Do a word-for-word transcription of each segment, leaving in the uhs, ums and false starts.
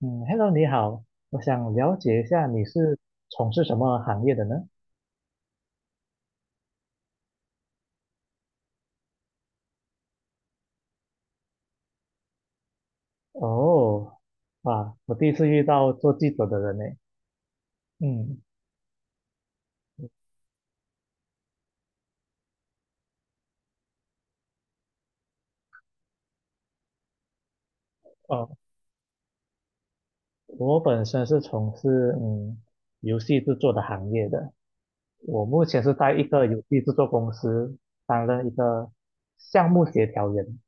嗯，Hello，你好。我想了解一下你是从事什么行业的呢？哦，哇，我第一次遇到做记者的人呢。嗯。哦，我本身是从事嗯游戏制作的行业的，我目前是在一个游戏制作公司担任一个项目协调员。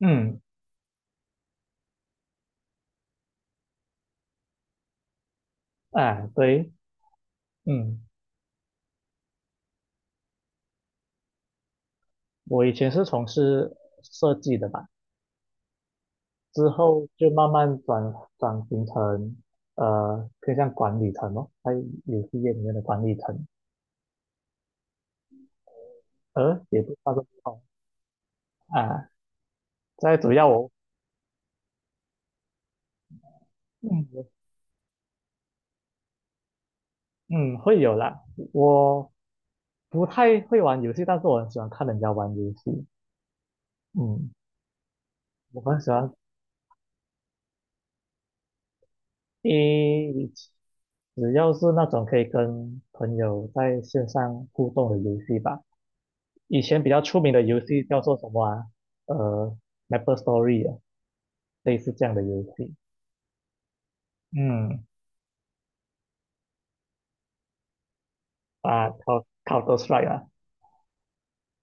嗯。啊，对。嗯，我以前是从事设计的吧。之后就慢慢转转型成呃偏向管理层咯，在游戏业里面的管理层。呃，也不算是哦。啊，在主要我嗯嗯会有啦。我不太会玩游戏，但是我很喜欢看人家玩游戏。嗯，我很喜欢诶，只要是那种可以跟朋友在线上互动的游戏吧。以前比较出名的游戏叫做什么啊？呃，MapleStory 啊，类似这样的游戏。嗯。啊，考考 o 帅啊，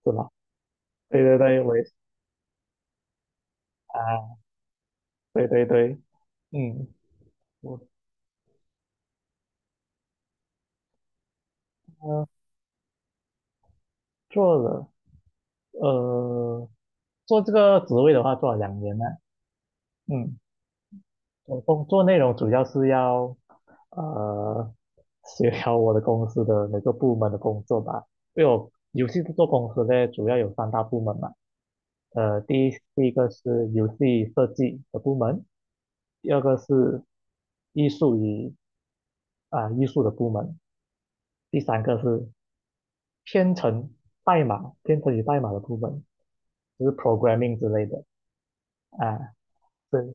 是吧？对对对，我也是啊。对对对。嗯，我呃做了，呃，做这个职位的话做了两年了。嗯，我工作内容主要是要呃协调我的公司的每个部门的工作吧。因为我游戏制作公司呢主要有三大部门嘛。呃，第一第一个是游戏设计的部门。第二个是艺术与啊、艺术的部门。第三个是编程代码，编程与代码的部分，就是 programming 之类的啊。对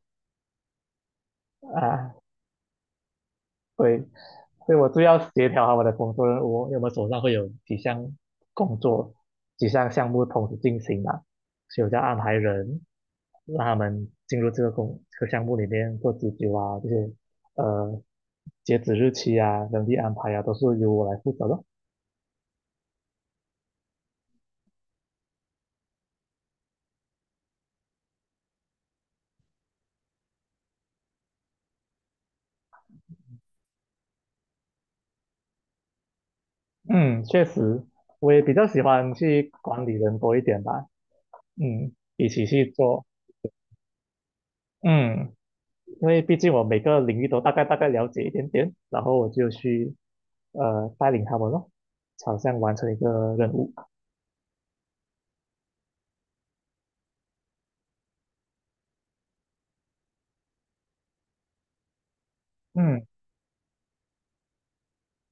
啊，对。所以我就要协调好我的工作任务。因为我们手上会有几项工作、几项项目同时进行嘛，所以我就要安排人让他们进入这个工这个项目里面做急救啊。这些呃截止日期啊、人力安排啊，都是由我来负责的。嗯，确实，我也比较喜欢去管理人多一点吧。嗯，一起去做。嗯，因为毕竟我每个领域都大概大概了解一点点，然后我就去呃带领他们咯，好像完成一个任务。嗯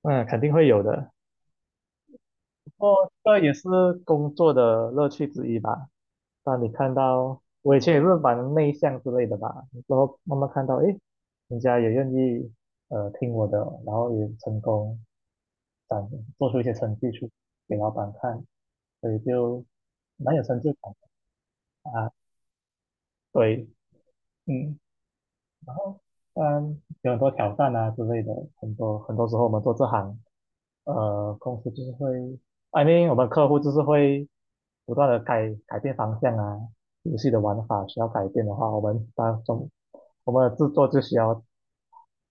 嗯，肯定会有的。不过这也是工作的乐趣之一吧。当你看到我以前也是蛮内向之类的吧，然后慢慢看到，诶，人家也愿意呃听我的，然后也成功展做出一些成绩出给老板看，所以就蛮有成就感的啊。对。嗯，然后嗯，有很多挑战啊之类的。很多很多时候我们做这行，呃，公司就是会，I m 我们客户就是会不断的改改变方向啊。游戏的玩法需要改变的话，我们当中我们的制作就需要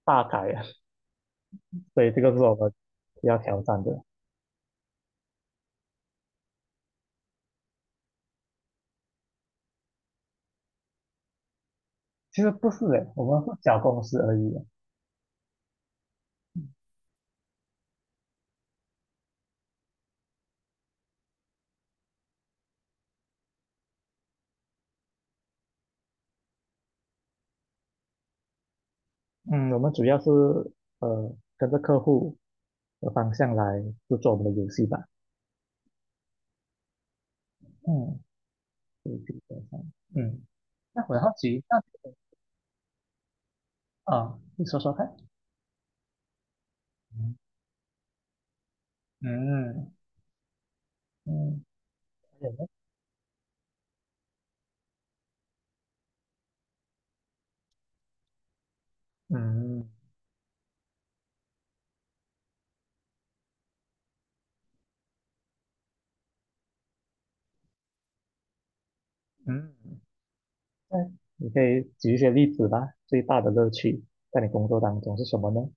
大改啊。所以这个是我们需要挑战的。其实不是诶，我们是小公司而已啊。嗯，我们主要是呃跟着客户的方向来制作我们的游戏吧。嗯，对，基本上嗯。那我很好奇。那啊，你说说看。嗯嗯。嗯有呢。嗯嗯，那你可以举一些例子吧。最大的乐趣在你工作当中是什么呢？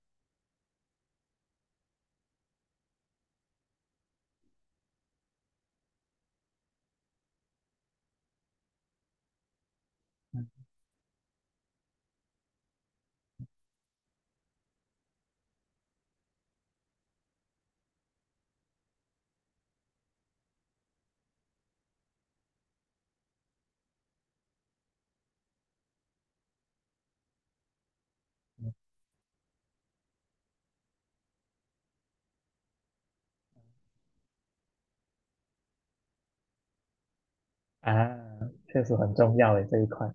嗯啊，确实很重要诶，这一块。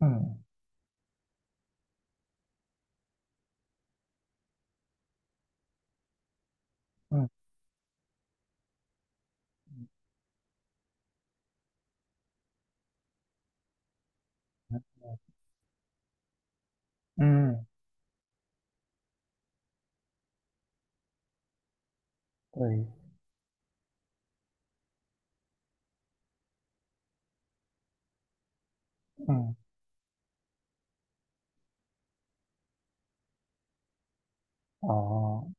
嗯嗯嗯。对。嗯。哦。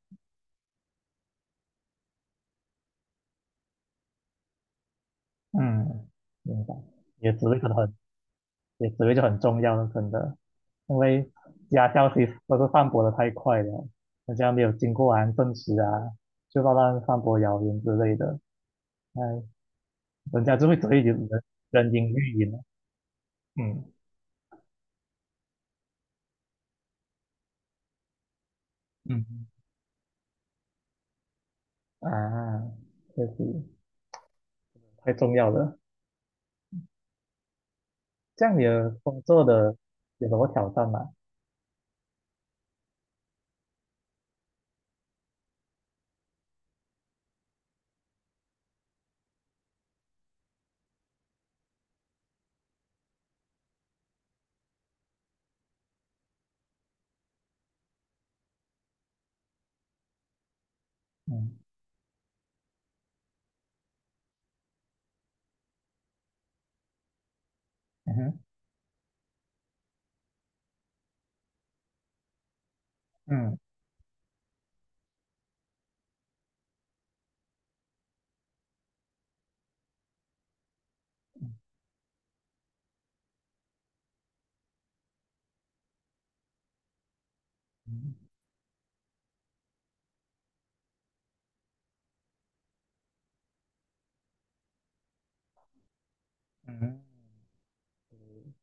嗯，明白。也的职位可能很也职位就很重要了，真的。因为假消息都是散播的太快了，人家没有经过完证实啊，就乱乱散播谣言之类的。哎，人家就会只会人人云亦云了。嗯嗯。啊，确实太重要了。这样你的工作的有什么挑战吗？嗯。嗯哼。嗯嗯嗯。嗯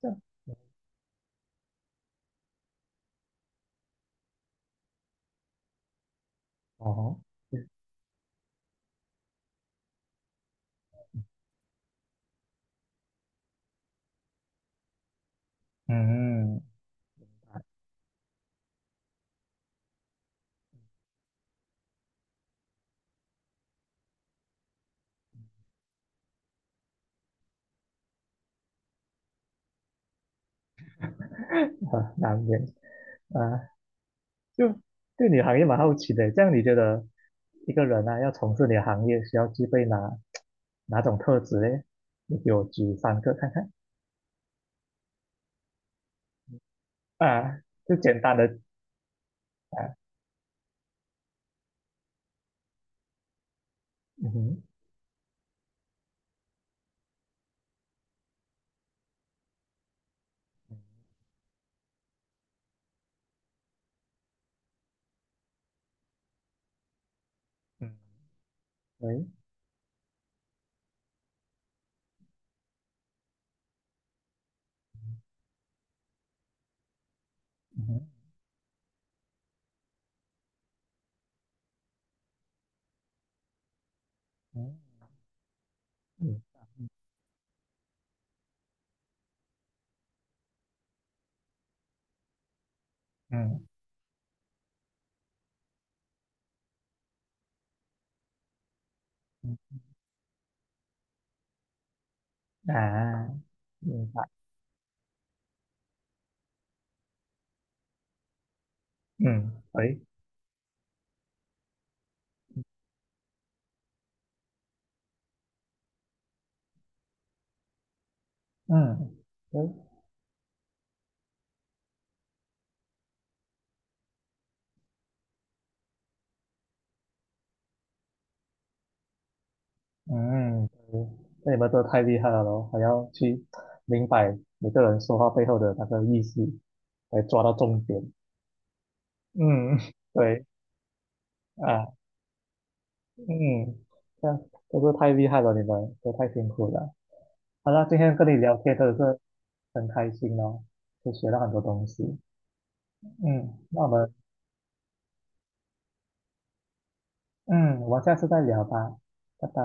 这样哦。嗯，很难免啊，就对你行业蛮好奇的。这样你觉得一个人啊，要从事你的行业，需要具备哪哪种特质嘞？你给我举三个看看。啊，就简单的啊。嗯哼。嗯。喂。嗯哼。嗯嗯嗯嗯嗯啊，明白。嗯。喂。嗯。喂。嗯，那你们都太厉害了咯，还要去明白每个人说话背后的那个意思，来抓到重点。嗯。对。啊。嗯，这样真是太厉害了，你们都太辛苦了。好了，今天跟你聊天真的是很开心哦，就学到很多东西。嗯，那我们嗯，我们下次再聊吧，拜拜。